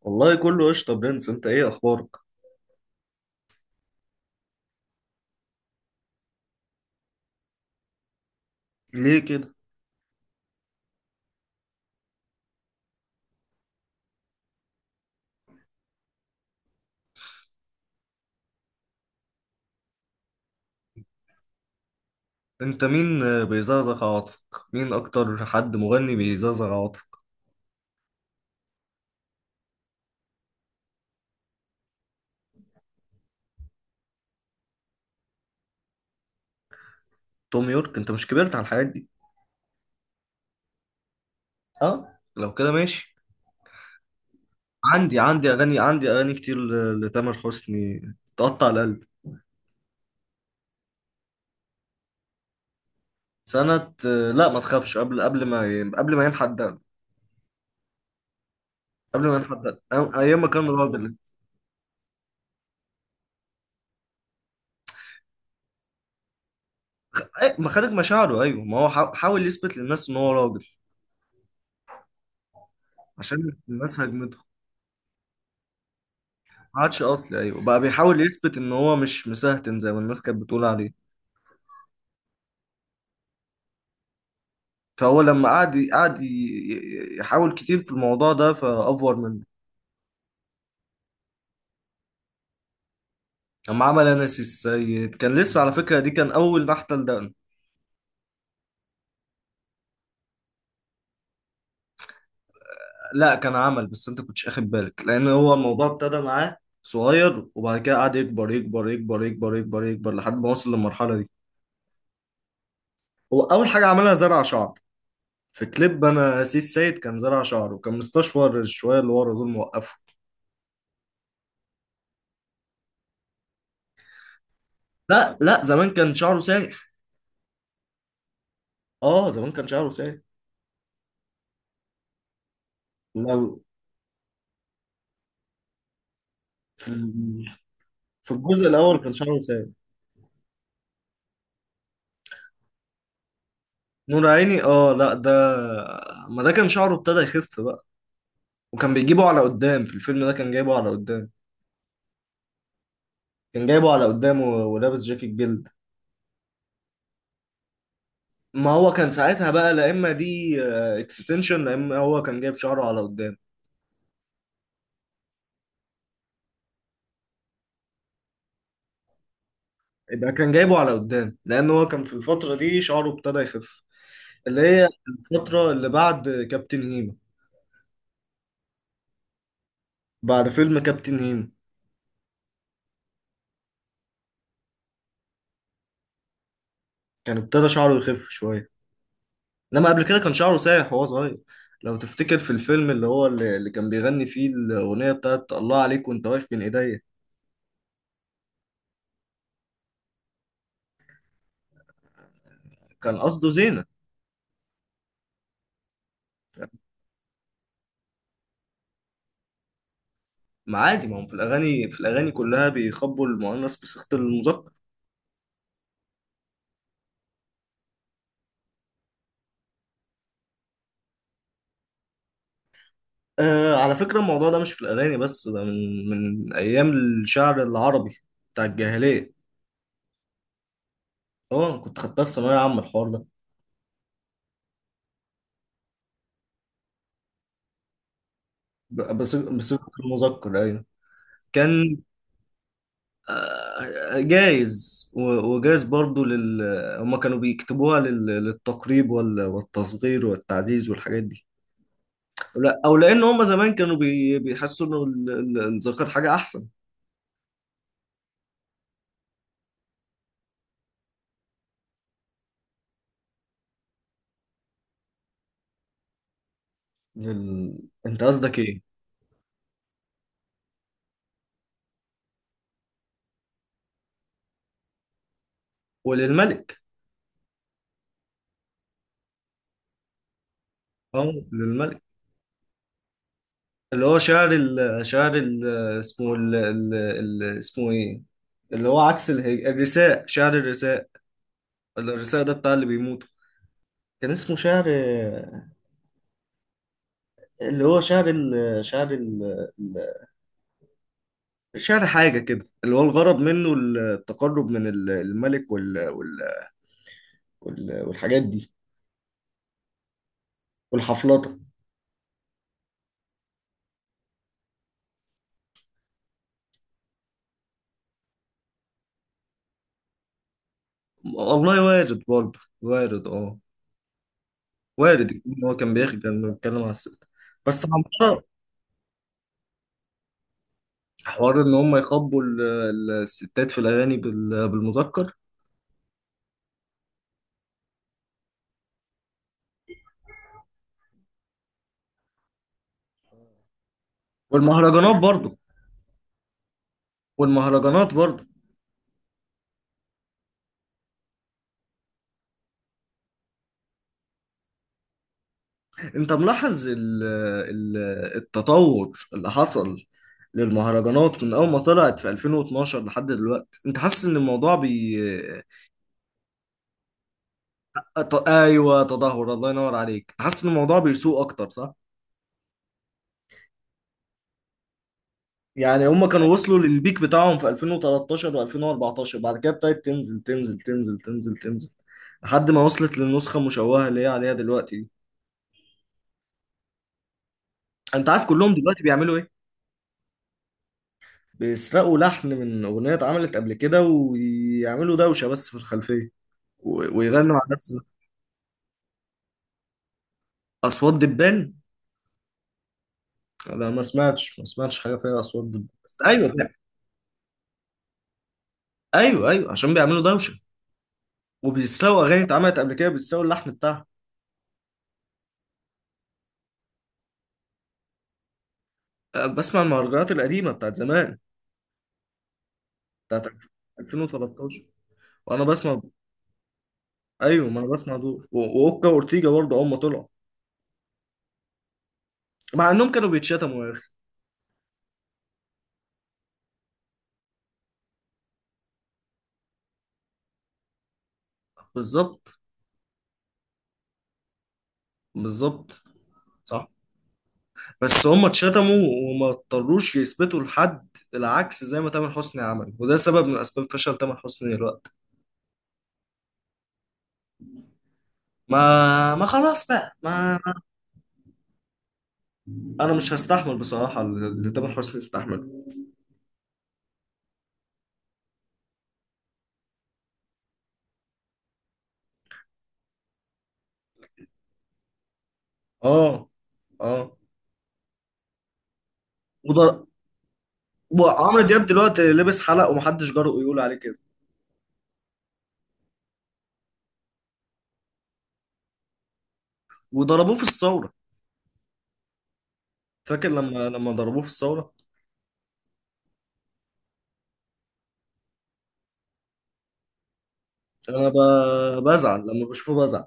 والله كله قشطة، برنس، انت ايه اخبارك؟ ليه كده؟ انت مين بيزغزغ عواطفك؟ مين اكتر حد مغني بيزغزغ عواطفك؟ توم يورك؟ انت مش كبرت على الحاجات دي؟ اه، لو كده ماشي. عندي اغاني كتير لتامر حسني، تقطع القلب. سنة، لا، ما تخافش. قبل ما ينحدد، قبل ما ينحدد، ايام ما كان راجل. مخارج مشاعره، ايوه، ما هو حاول يثبت للناس ان هو راجل. عشان الناس هجمته. ما عادش اصلي، ايوه، بقى بيحاول يثبت ان هو مش مسهتن زي ما الناس كانت بتقول عليه. فهو لما قعد يحاول كتير في الموضوع ده فافور منه. لما عمل انس السيد كان لسه على فكره، دي كان اول نحته لدقن. لا، كان عمل، بس انت كنتش اخد بالك لان هو الموضوع ابتدى معاه صغير، وبعد كده قعد يكبر يكبر يكبر يكبر يكبر يكبر لحد ما وصل للمرحله دي. هو اول حاجه عملها زرع شعر. في كليب انا سيس سيد كان زرع شعره، وكان مستشفر الشويه اللي ورا دول موقفه. لا، لا، زمان كان شعره سايق. اه، زمان كان شعره سايب. لو في ال- في الجزء الاول كان شعره سايب. نور عيني، اه، لا، ده ما ده كان شعره ابتدى يخف بقى، وكان بيجيبه على قدام. في الفيلم ده كان جايبه على قدام، كان جايبه على قدام ولابس جاكيت جلد. ما هو كان ساعتها بقى لا، اما دي اكستنشن، لا، اما هو كان جايب شعره على قدام. يبقى كان جايبه على قدام لان هو كان في الفتره دي شعره ابتدى يخف، اللي هي الفتره اللي بعد كابتن هيما. بعد فيلم كابتن هيما كان ابتدى شعره يخف شويه، انما قبل كده كان شعره سايح وهو صغير. لو تفتكر، في الفيلم اللي هو اللي كان بيغني فيه الاغنيه بتاعت الله عليك وانت واقف بين ايديا. كان قصده زينه. ما عادي، ما هم في الاغاني كلها بيخبوا المؤنث بصيغه المذكر. آه، على فكره الموضوع ده مش في الاغاني بس، ده من ايام الشعر العربي بتاع الجاهليه. اه، أنا كنت خدتها في ثانويه عامه، الحوار ده. بصيغة المذكر، ايوه. كان جايز وجايز برضو لل. هما كانوا بيكتبوها للتقريب والتصغير والتعزيز والحاجات دي. لا، او لان هما زمان كانوا بيحسوا انه الذكر حاجه احسن. لل... انت قصدك ايه؟ وللملك، اه، للملك. اللي هو شعر ال... شعر ال... اسمه اسمه ايه؟ اللي هو عكس الرثاء، شعر الرثاء. الرثاء ده بتاع اللي بيموتوا. كان اسمه شعر، اللي هو شعر ال... شعر ال... شعر حاجة كده، اللي هو الغرض منه التقرب من الملك وال... وال... وال... والحاجات دي والحفلطة. والله وارد برضه، وارد، اه، وارد يكون هو كان بيخجل انه يتكلم على الست. بس عمارة، حوار ان هم يخبوا الستات في الاغاني بالمذكر. والمهرجانات برضه، والمهرجانات برضه. انت ملاحظ ال... ال... التطور اللي حصل للمهرجانات من اول ما طلعت في 2012 لحد دلوقتي، انت حاسس ان الموضوع ايوه، تدهور، الله ينور عليك، تحس ان الموضوع بيسوء اكتر، صح. يعني هم كانوا وصلوا للبيك بتاعهم في 2013 و2014، بعد كده ابتدت تنزل تنزل تنزل تنزل تنزل لحد ما وصلت للنسخه المشوهه اللي هي عليها دلوقتي دي. انت عارف كلهم دلوقتي بيعملوا ايه؟ بيسرقوا لحن من اغنيه اتعملت قبل كده ويعملوا دوشه بس في الخلفيه، و... ويغنوا على نفس اصوات دبان. انا ما سمعتش حاجه فيها اصوات دبان، بس ايوه. ايوه، ايوه، عشان بيعملوا دوشه وبيسرقوا اغاني اتعملت قبل كده، بيسرقوا اللحن بتاعها. أه، بسمع المهرجانات القديمه بتاعت زمان، بتاعت 2013. وانا بسمع. ايوه، ما انا بسمع دول واوكا واورتيجا برضه اول ما طلعوا، مع انهم كانوا بيتشتموا يا اخي. بالظبط، بالظبط، صح. بس هم اتشتموا وما اضطروش يثبتوا لحد، العكس زي ما تامر حسني عمل، وده سبب من اسباب فشل تامر حسني دلوقتي. ما خلاص بقى ما. انا مش هستحمل بصراحه اللي تامر حسني استحمله. اه، اه، وضر... وعمرو دياب دلوقتي لبس حلق ومحدش جرؤ يقول عليه كده، وضربوه في الثورة. فاكر لما ضربوه في الثورة؟ انا بزعل لما بشوفه، بزعل.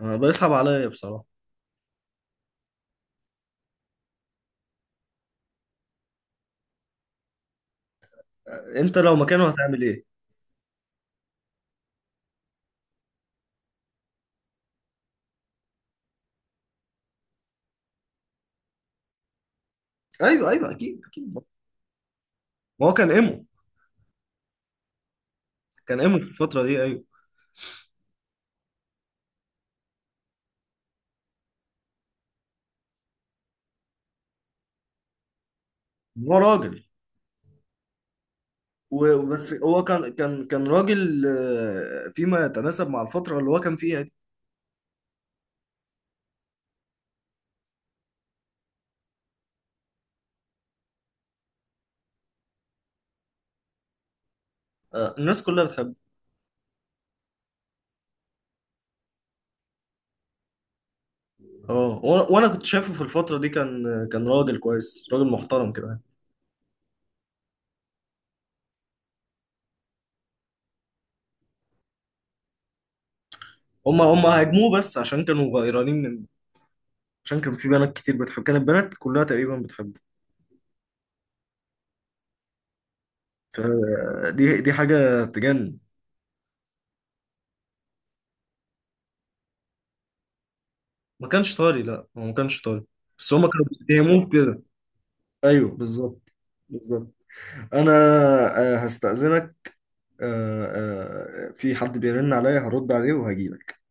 أنا بيصعب عليا بصراحة. انت لو مكانه هتعمل ايه؟ ايوه، ايوه، اكيد، اكيد، ما هو كان ايمو، كان ايمو في الفترة دي، ايوه. هو راجل، وبس هو كان راجل فيما يتناسب مع الفترة اللي هو كان فيها دي. آه، الناس كلها بتحبه. اه، وأنا كنت شايفه في الفترة دي كان راجل كويس، راجل محترم كده. هم هاجموه بس عشان كانوا غيرانين، من عشان كان في بنات كتير بتحب، كانت بنات كلها تقريبا بتحبه. فدي حاجة تجنن. ما كانش طاري، لا، هو ما كانش طاري، بس هم كانوا بيتهموه كده. ايوه، بالظبط، بالظبط. انا هستأذنك، آه، في حد بيرن عليا، هرد عليه وهجيلك.